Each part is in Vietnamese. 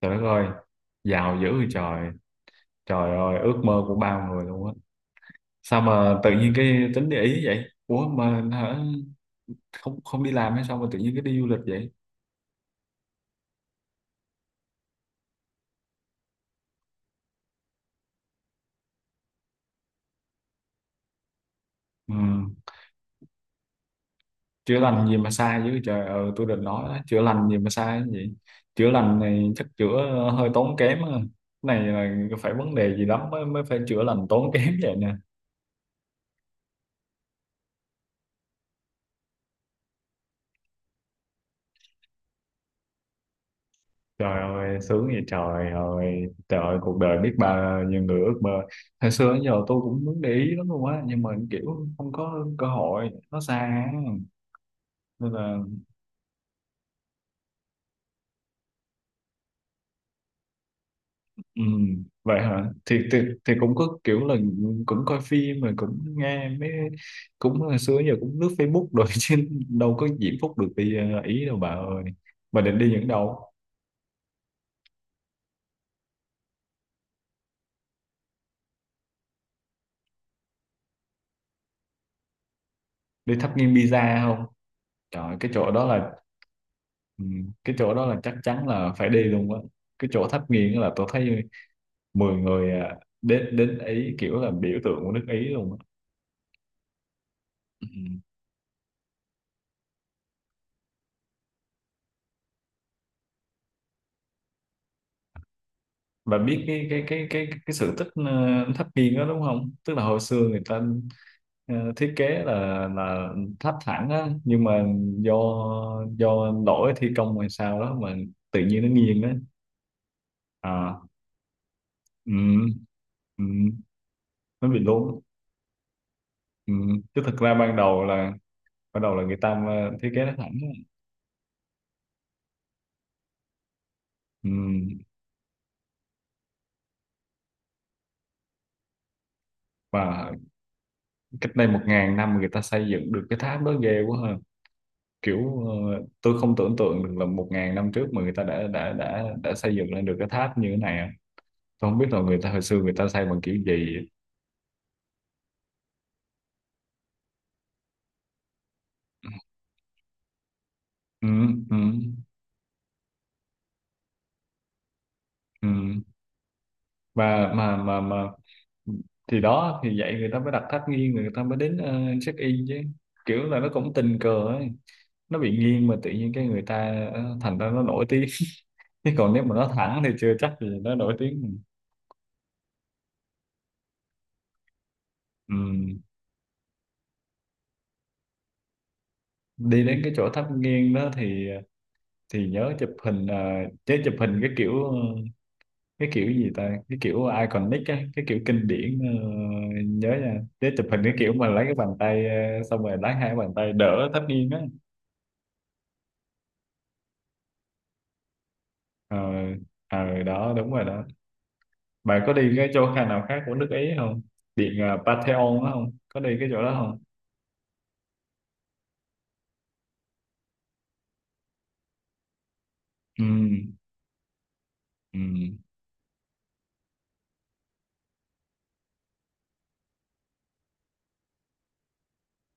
Trời đất ơi, giàu dữ vậy trời. Trời ơi, ước mơ của bao người luôn á. Sao mà tự nhiên cái tính để ý vậy? Ủa mà hả? Không không đi làm hay sao mà tự nhiên cái đi du lịch vậy? Ừ. Chữa lành gì mà sai dữ trời. Ừ, tôi định nói đó, chữa lành gì mà sai vậy? Chữa lành này chắc chữa hơi tốn kém á. Cái này là phải vấn đề gì lắm mới mới phải chữa lành tốn kém vậy nè. Trời ơi, sướng vậy trời ơi, cuộc đời biết bao nhiêu người ước mơ. Hồi xưa đến giờ tôi cũng muốn để ý lắm luôn á, nhưng mà kiểu không có cơ hội, nó xa á. Nên là, ừ, vậy hả? Thì cũng có kiểu là cũng coi phim rồi cũng nghe mấy, cũng hồi xưa đến giờ cũng lướt Facebook rồi chứ đâu có diễm phúc được đi Ý đâu bà ơi. Bà định đi những đâu? Đi thắp nghiêng pizza không? Trời, cái chỗ đó là. Ừ, cái chỗ đó là chắc chắn là phải đi luôn á, cái chỗ tháp nghiêng là tôi thấy 10 người, à, đến đến Ý kiểu là biểu tượng của nước Ý luôn á, ừ. Và biết cái sự tích tháp nghiêng đó đúng không, tức là hồi xưa người ta thiết kế là tháp thẳng á, nhưng mà do do lỗi thi công hay sao đó mà tự nhiên nó nghiêng đó, à, ừ, ừ, nó bị lún, ừ. Chứ thực ra ban đầu là người ta thiết kế nó thẳng. Ừm, và cách đây 1.000 năm người ta xây dựng được cái tháp đó, ghê quá ha, kiểu tôi không tưởng tượng được là 1.000 năm trước mà người ta đã xây dựng lên được cái tháp như thế này á. Tôi không biết là người ta hồi xưa người ta xây bằng kiểu gì. Ừm, ừm, ừm. Và mà thì đó thì vậy người ta mới đặt tháp nghiêng, người ta mới đến check in chứ, kiểu là nó cũng tình cờ ấy, nó bị nghiêng mà tự nhiên cái người ta thành ra nó nổi tiếng, chứ còn nếu mà nó thẳng thì chưa chắc gì nó nổi tiếng, ừ. Đi đến cái chỗ tháp nghiêng đó thì nhớ chụp hình, chứ chụp hình cái kiểu, cái kiểu gì ta, cái kiểu iconic á, cái kiểu kinh điển, nhớ nha, chứ chụp hình cái kiểu mà lấy cái bàn tay, xong rồi lấy hai cái bàn tay đỡ tháp nghiêng á. Ờ, đó đúng rồi đó. Bạn có đi cái chỗ khác nào khác của nước Ý không, điện Pantheon đó không, có đi cái chỗ đó không? Ừ, ừ,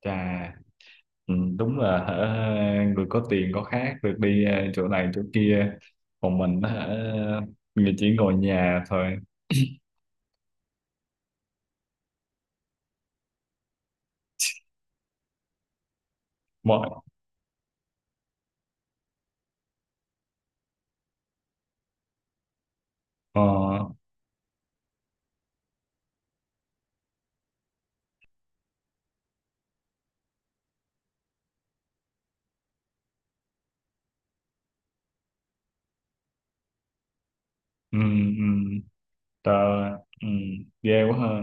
chà. Ừ, đúng là hả, người có tiền có khác, được đi chỗ này chỗ kia, còn mình hả, người chỉ ngồi nhà thôi. Mọi ờ, ừ, ừ. Trời, ừ, ghê quá ha.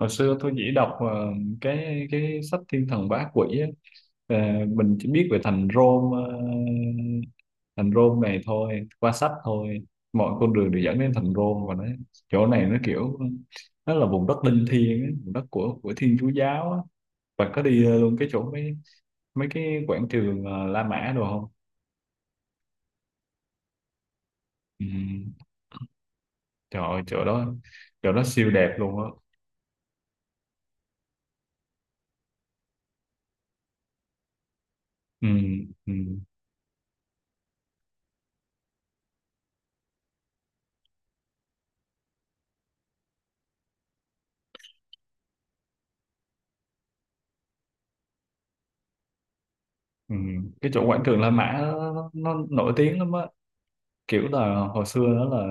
Hồi xưa tôi chỉ đọc cái sách Thiên Thần Bá Quỷ á. Ờ, mình chỉ biết về thành Rôm, thành Rôm này thôi, qua sách thôi. Mọi con đường đều dẫn đến thành Rôm, và nó, chỗ này nó kiểu, nó là vùng đất linh thiêng á, vùng đất của Thiên Chúa giáo á. Bạn có đi luôn cái chỗ mấy mấy cái quảng trường La Mã đồ không? Ừ, trời ơi, chỗ đó, chỗ đó siêu đẹp luôn á. Ừ, ừ. Ừ. Cái chỗ quảng trường La Mã nó nổi tiếng lắm á, kiểu là hồi xưa đó là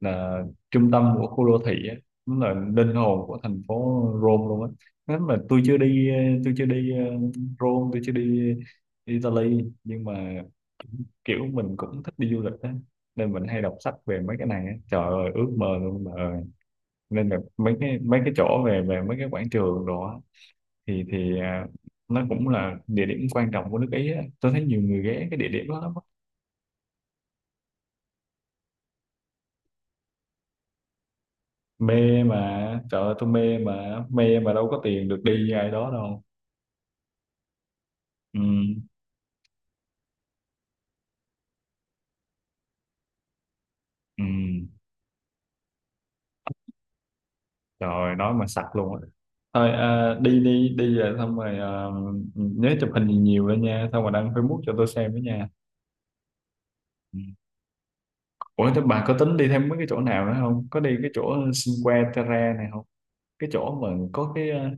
là trung tâm của khu đô thị á, nó là linh hồn của thành phố Rome luôn á. Nếu mà tôi chưa đi, tôi chưa đi Rome, tôi chưa đi Italy, nhưng mà kiểu mình cũng thích đi du lịch á, nên mình hay đọc sách về mấy cái này á, trời ơi, ước mơ luôn bà ơi. Nên là mấy cái chỗ về về mấy cái quảng trường đó thì nó cũng là địa điểm quan trọng của nước Ý á. Tôi thấy nhiều người ghé cái địa điểm đó lắm á. Mê mà, trời ơi tôi mê mà, mê mà đâu có tiền được đi như ai đó đâu. Ừ, ừ. Trời ơi, nói mà sặc luôn á. Thôi à, đi đi, đi về xong rồi à, nhớ chụp hình nhiều nhiều lên nha, xong rồi đăng Facebook cho tôi xem với nha. Ừ. Ủa thế bà có tính đi thêm mấy cái chỗ nào nữa không, có đi cái chỗ Cinque Terre này không, cái chỗ mà có cái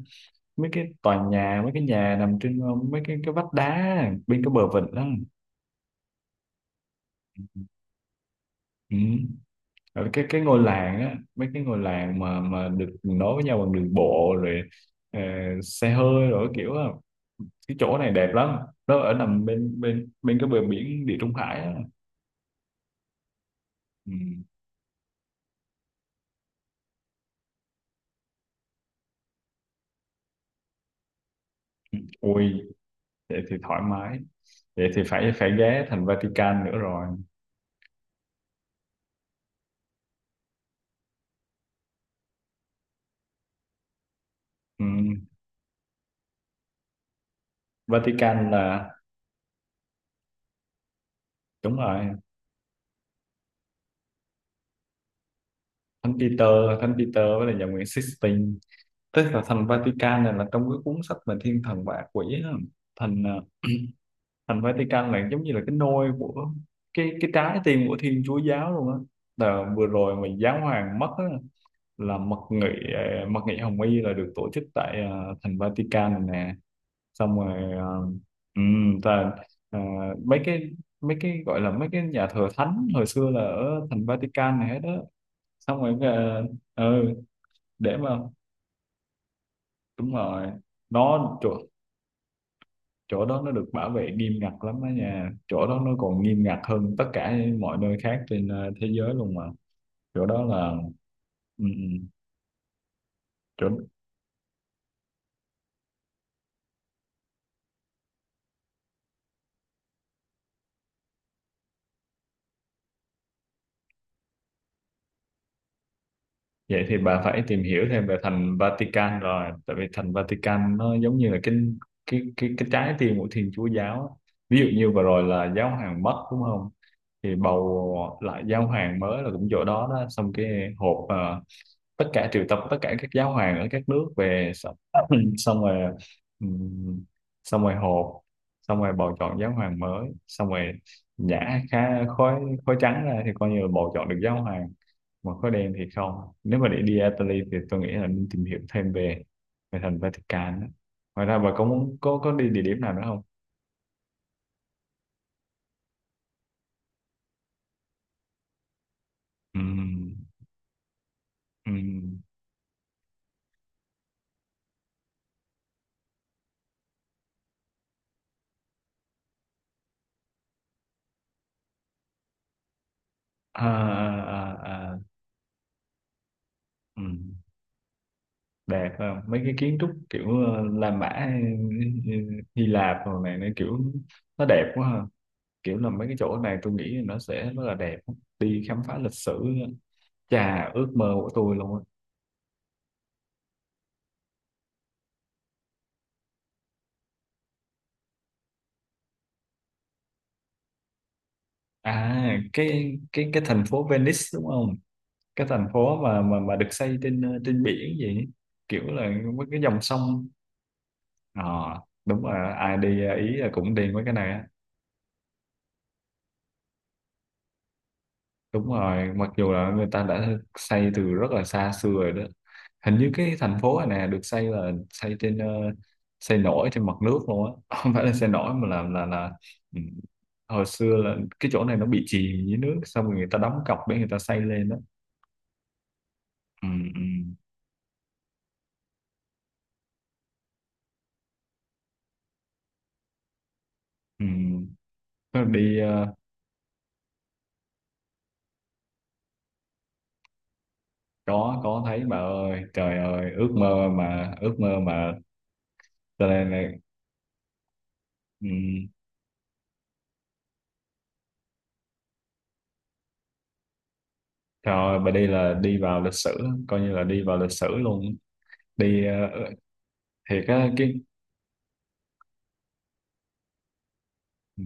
mấy cái tòa nhà, mấy cái nhà nằm trên mấy cái vách đá bên cái bờ vịnh đó, ừ. Ở cái ngôi làng á, mấy cái ngôi làng mà được nối với nhau bằng đường bộ rồi ờ, xe hơi rồi kiểu á, cái chỗ này đẹp lắm, nó ở nằm bên bên bên cái bờ biển Địa Trung Hải á, ừ. Ui vậy thì thoải mái, vậy thì phải phải ghé thành Vatican nữa rồi, ừ. Vatican là đúng rồi, Thánh Peter, Thánh Peter với là nhà Nguyễn Sixtine, tức là thành Vatican này là trong cái cuốn sách về thiên thần và ác quỷ á. Thành thành Vatican này giống như là cái nôi của cái trái tim của Thiên Chúa giáo luôn á. Là vừa rồi mà giáo hoàng mất á, là mật nghị, mật nghị Hồng Y là được tổ chức tại thành Vatican này nè, xong rồi ta, ờ, mấy cái mấy cái gọi là mấy cái nhà thờ thánh hồi xưa là ở thành Vatican này hết đó, xong rồi ừ để mà đúng rồi, nó trời, chỗ đó nó được bảo vệ nghiêm ngặt lắm đó nha, chỗ đó nó còn nghiêm ngặt hơn tất cả mọi nơi khác trên thế giới luôn mà, chỗ đó là ừ, ừ, chỗ. Vậy thì bà phải tìm hiểu thêm về thành Vatican rồi, tại vì thành Vatican nó giống như là cái trái tim của Thiên Chúa giáo á. Ví dụ như vừa rồi là giáo hoàng mất đúng không, thì bầu lại giáo hoàng mới là cũng chỗ đó đó, xong cái hộp tất cả triệu tập tất cả các giáo hoàng ở các nước về xong, xong rồi ừm, xong rồi họp, xong rồi bầu chọn giáo hoàng mới, xong rồi nhả khá khói, khói trắng ra thì coi như là bầu chọn được giáo hoàng, mà khói đen thì không. Nếu mà để đi Italy thì tôi nghĩ là nên tìm hiểu thêm về về thành Vatican á. Ngoài ra bà có muốn, có đi địa điểm nào nữa không? Ừm, ừm, à, à, à, à, ừm. Đẹp không, mấy cái kiến trúc kiểu La Mã hay ờ, Hy Lạp rồi này, nó kiểu nó đẹp quá ha, kiểu là mấy cái chỗ này tôi nghĩ nó sẽ rất là đẹp, đi khám phá lịch sử, chà, ước mơ của tôi luôn á. Cái thành phố Venice đúng không, cái thành phố mà được xây trên trên biển vậy, kiểu là mấy cái dòng sông. Ờ, đúng rồi, ai đi Ý là cũng đi mấy cái này á. Đúng rồi, mặc dù là người ta đã xây từ rất là xa xưa rồi đó. Hình như cái thành phố này nè được xây là xây trên xây nổi trên mặt nước luôn á, không phải là xây nổi mà là ừ, hồi xưa là cái chỗ này nó bị chìm dưới nước, xong rồi người ta đóng cọc để người ta xây lên đó. Ừ, ừ, ừ. Tôi đi có thấy bà ơi, trời ơi, ước mơ mà, ước mơ mà, cho nên là ừ, trời ơi, bà đi là đi vào lịch sử, coi như là đi vào lịch sử luôn, đi ờ, thì cái ừ,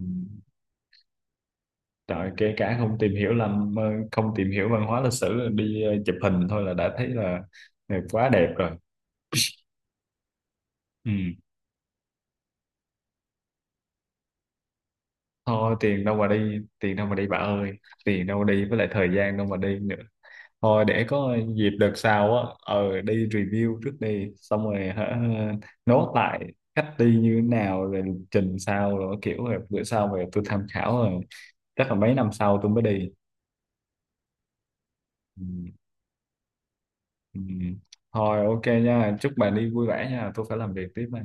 trời, kể cả không tìm hiểu làm không tìm hiểu văn hóa lịch sử, đi chụp hình thôi là đã thấy là quá đẹp rồi, ừ. Thôi tiền đâu mà đi, tiền đâu mà đi bà ơi, tiền đâu mà đi, với lại thời gian đâu mà đi nữa. Thôi để có dịp đợt sau á, đi review trước đi, xong rồi hả, nốt lại cách đi như thế nào rồi, trình sao rồi kiểu, rồi bữa sau về tôi tham khảo, rồi chắc là mấy năm sau tôi mới đi, ừ. Ừ. Thôi ok nha, chúc bạn đi vui vẻ nha, tôi phải làm việc tiếp đây.